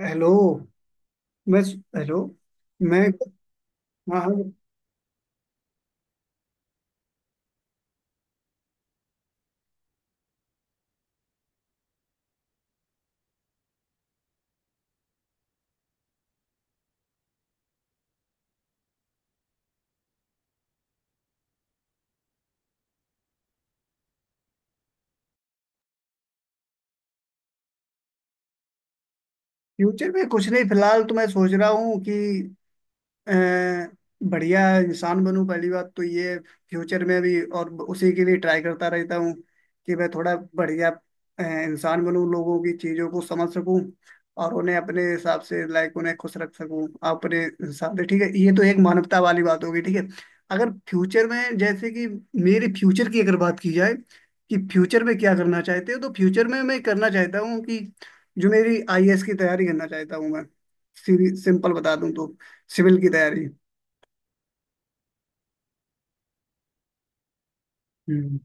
Hello. मैं। Hello. मैं। हाँ हाँ। फ्यूचर में कुछ नहीं, फिलहाल तो मैं सोच रहा हूँ कि अ, बढ़िया इंसान बनूं, पहली बात तो ये। फ्यूचर में भी और उसी के लिए ट्राई करता रहता हूँ कि मैं थोड़ा बढ़िया इंसान बनूं, लोगों की चीज़ों को समझ सकूं और उन्हें अपने हिसाब से लाइक उन्हें खुश रख सकूं अपने हिसाब से। ठीक है, ये तो एक मानवता वाली बात होगी। ठीक है, अगर फ्यूचर में जैसे कि मेरे फ्यूचर की अगर बात की जाए कि फ्यूचर में क्या करना चाहते हो, तो फ्यूचर में मैं करना चाहता हूँ कि जो मेरी आईएएस की तैयारी करना चाहता हूँ मैं, सीधी- सिंपल बता दूं तो सिविल की तैयारी। हम्म।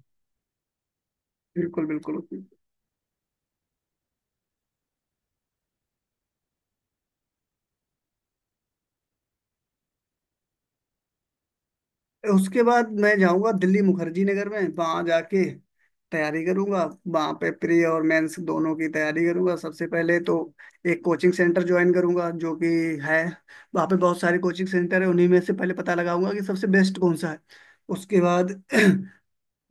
बिल्कुल बिल्कुल बिल्कुल। उसके बाद मैं जाऊंगा दिल्ली मुखर्जी नगर में, वहां जाके तैयारी करूंगा। वहां पे प्री और मेंस दोनों की तैयारी करूंगा। सबसे पहले तो एक कोचिंग सेंटर ज्वाइन करूंगा जो कि है। वहां पे बहुत सारे कोचिंग सेंटर है, उन्हीं में से पहले पता लगाऊंगा कि सबसे बेस्ट कौन सा है। उसके बाद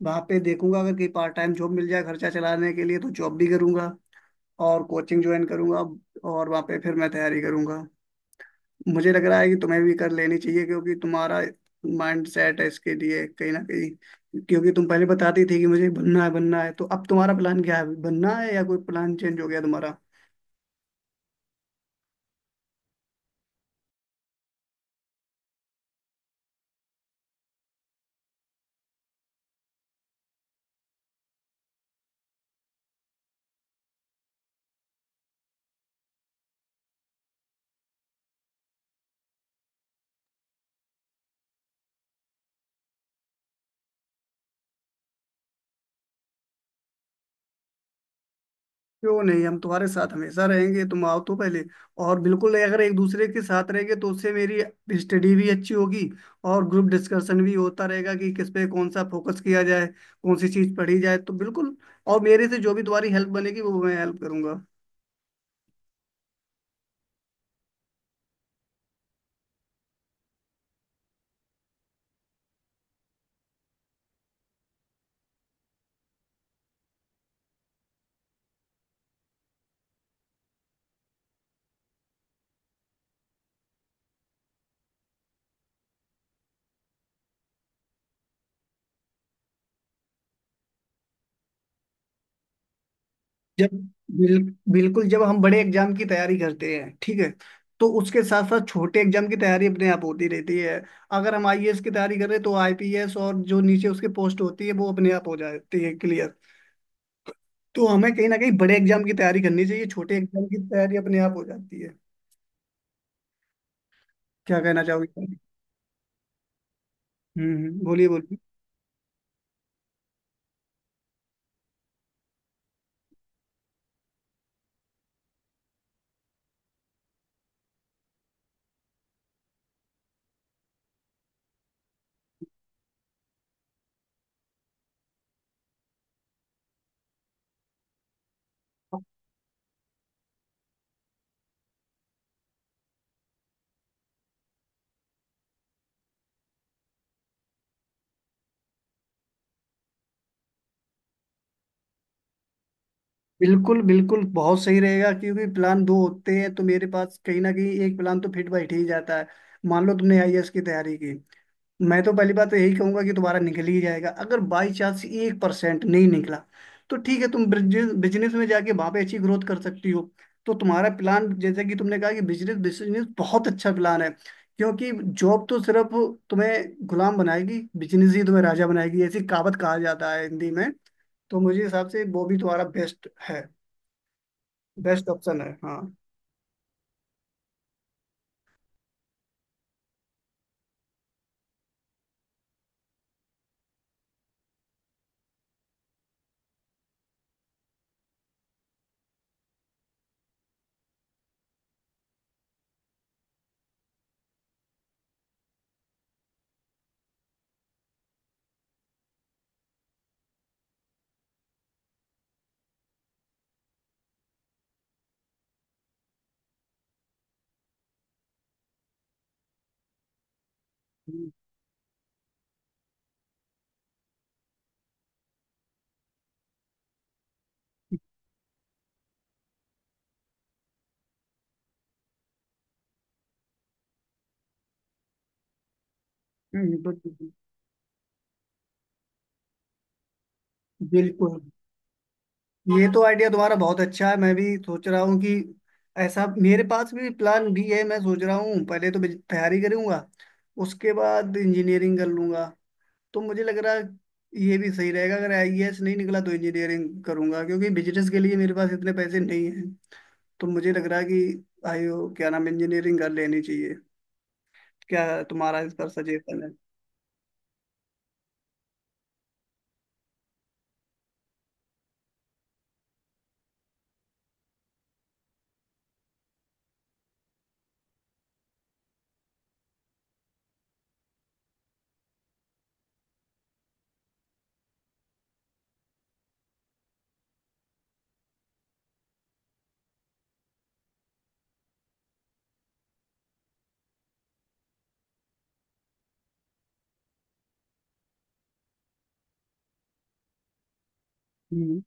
वहां पे देखूंगा, अगर कहीं पार्ट टाइम जॉब मिल जाए खर्चा चलाने के लिए तो जॉब भी करूंगा और कोचिंग ज्वाइन करूंगा, और वहां पे फिर मैं तैयारी करूंगा। मुझे लग रहा है कि तुम्हें भी कर लेनी चाहिए, क्योंकि तुम्हारा माइंड सेट है इसके लिए कहीं ना कहीं, क्योंकि तुम पहले बताती थी कि मुझे बनना है बनना है। तो अब तुम्हारा प्लान क्या है? बनना है या कोई प्लान चेंज हो गया तुम्हारा? क्यों नहीं, हम तुम्हारे साथ हमेशा रहेंगे, तुम आओ तो पहले। और बिल्कुल, अगर एक दूसरे के साथ रहेंगे तो उससे मेरी स्टडी भी अच्छी होगी, और ग्रुप डिस्कशन भी होता रहेगा कि किस पे कौन सा फोकस किया जाए, कौन सी चीज पढ़ी जाए, तो बिल्कुल। और मेरे से जो भी तुम्हारी हेल्प बनेगी वो मैं हेल्प करूंगा। जब बिल, बिल्कुल, जब हम बड़े एग्जाम की तैयारी करते हैं, ठीक है, तो उसके साथ साथ छोटे एग्जाम की तैयारी अपने आप होती रहती है। अगर हम आईएएस की तैयारी कर रहे हैं तो आईपीएस और जो नीचे उसके पोस्ट होती है वो अपने आप हो जाती है क्लियर। तो हमें कहीं ना कहीं बड़े एग्जाम की तैयारी करनी चाहिए, छोटे एग्जाम की तैयारी अपने आप हो जाती है। क्या कहना चाहोगे? बोलिए बोलिए। बिल्कुल बिल्कुल बहुत सही रहेगा, क्योंकि प्लान दो होते हैं तो मेरे पास कहीं ना कहीं एक प्लान तो फिट बैठ ही जाता है। मान लो तुमने आईएएस की तैयारी की, मैं तो पहली बात तो यही कहूंगा कि तुम्हारा निकल ही जाएगा। अगर बाई चांस 1% नहीं निकला तो ठीक है, तुम बिजनेस में जाके वहां पे अच्छी ग्रोथ कर सकती हो। तो तुम्हारा प्लान, जैसे कि तुमने कहा कि बिजनेस, बिजनेस बहुत अच्छा प्लान है। क्योंकि जॉब तो सिर्फ तुम्हें गुलाम बनाएगी, बिजनेस ही तुम्हें राजा बनाएगी, ऐसी कहावत कहा जाता है हिंदी में। तो मुझे हिसाब से वो भी तुम्हारा बेस्ट है, बेस्ट ऑप्शन है। हाँ। हम्म, हम्म, बिल्कुल, ये तो आइडिया तुम्हारा बहुत अच्छा है। मैं भी सोच रहा हूँ कि ऐसा मेरे पास भी प्लान भी है। मैं सोच रहा हूँ पहले तो तैयारी करूँगा, उसके बाद इंजीनियरिंग कर लूँगा। तो मुझे लग रहा है ये भी सही रहेगा। अगर आईएएस नहीं निकला तो इंजीनियरिंग करूँगा, क्योंकि बिजनेस के लिए मेरे पास इतने पैसे नहीं हैं। तो मुझे लग रहा है कि आईओ क्या नाम, इंजीनियरिंग कर लेनी चाहिए। क्या तुम्हारा इस पर सजेशन है? हम्म,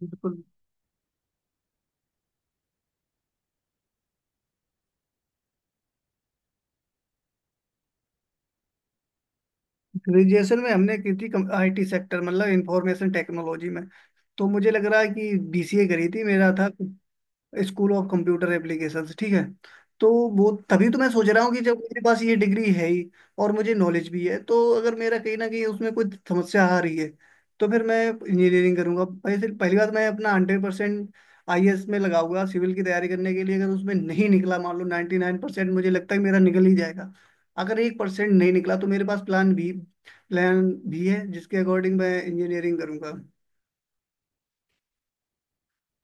बिल्कुल। ग्रेजुएशन में हमने की थी आईटी सेक्टर, मतलब इंफॉर्मेशन टेक्नोलॉजी में। तो मुझे लग रहा है कि बीसीए करी थी मेरा था, स्कूल ऑफ कंप्यूटर एप्लीकेशंस, ठीक है। तो वो तभी तो मैं सोच रहा हूँ कि जब मेरे पास ये डिग्री है ही और मुझे नॉलेज भी है, तो अगर मेरा कहीं ना कहीं उसमें कोई समस्या आ रही है तो फिर मैं इंजीनियरिंग करूंगा। पहले पहली बात, मैं अपना 100% आईएएस में लगाऊंगा, सिविल की तैयारी करने के लिए। अगर उसमें नहीं निकला, मान लो 99% मुझे लगता है मेरा निकल ही जाएगा। अगर 1% नहीं निकला, तो मेरे पास प्लान बी, प्लान भी है जिसके अकॉर्डिंग मैं इंजीनियरिंग करूंगा,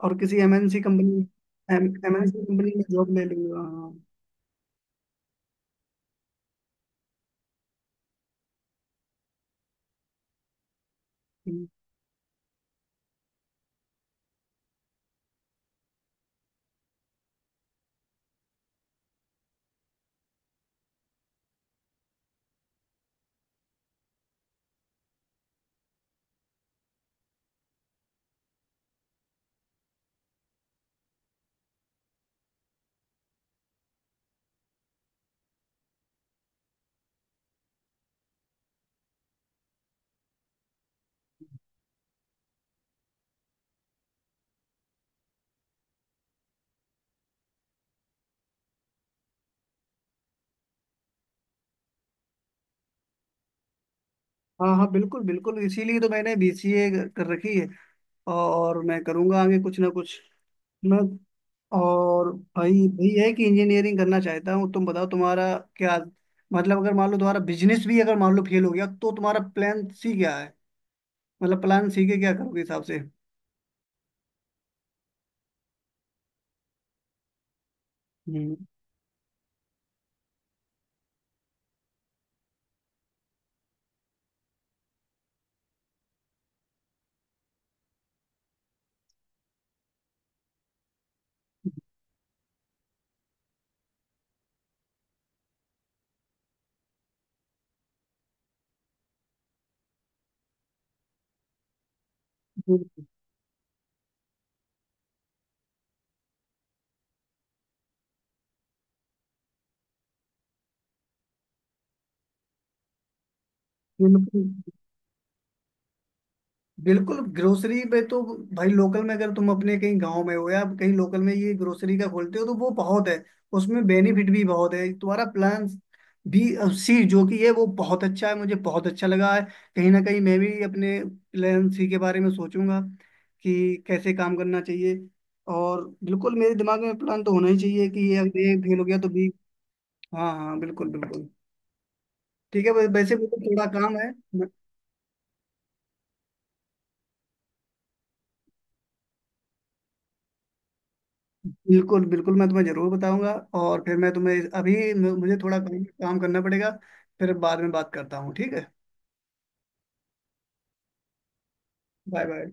और किसी एमएनसी कंपनी, एमएनसी कंपनी में जॉब ले लूंगा। हाँ। हम्म। हाँ हाँ बिल्कुल बिल्कुल, इसीलिए तो मैंने बीसीए कर रखी है। और मैं करूंगा आगे कुछ ना कुछ। मैं और भाई भाई है कि इंजीनियरिंग करना चाहता हूँ। तुम बताओ, तुम्हारा क्या, मतलब अगर मान लो तुम्हारा बिजनेस भी अगर मान लो फेल हो गया तो तुम्हारा प्लान सी क्या है? मतलब प्लान सी के क्या करोगे हिसाब से? हम्म। बिल्कुल बिल्कुल, ग्रोसरी पे तो भाई, लोकल में अगर तुम अपने कहीं गांव में हो या कहीं लोकल में ये ग्रोसरी का खोलते हो, तो वो बहुत है, उसमें बेनिफिट भी बहुत है। तुम्हारा प्लान बी, सी जो कि है वो बहुत अच्छा है, मुझे बहुत अच्छा लगा है। कहीं ना कहीं मैं भी अपने प्लान सी के बारे में सोचूंगा कि कैसे काम करना चाहिए। और बिल्कुल मेरे दिमाग में प्लान तो होना ही चाहिए कि ये, अगर ये फेल हो गया तो बी। हाँ हाँ बिल्कुल बिल्कुल। ठीक है, वैसे मुझे थोड़ा काम है। बिल्कुल बिल्कुल, मैं तुम्हें जरूर बताऊंगा। और फिर मैं तुम्हें अभी, मुझे थोड़ा काम काम करना पड़ेगा। फिर बाद में बात करता हूँ, ठीक है। Bye bye.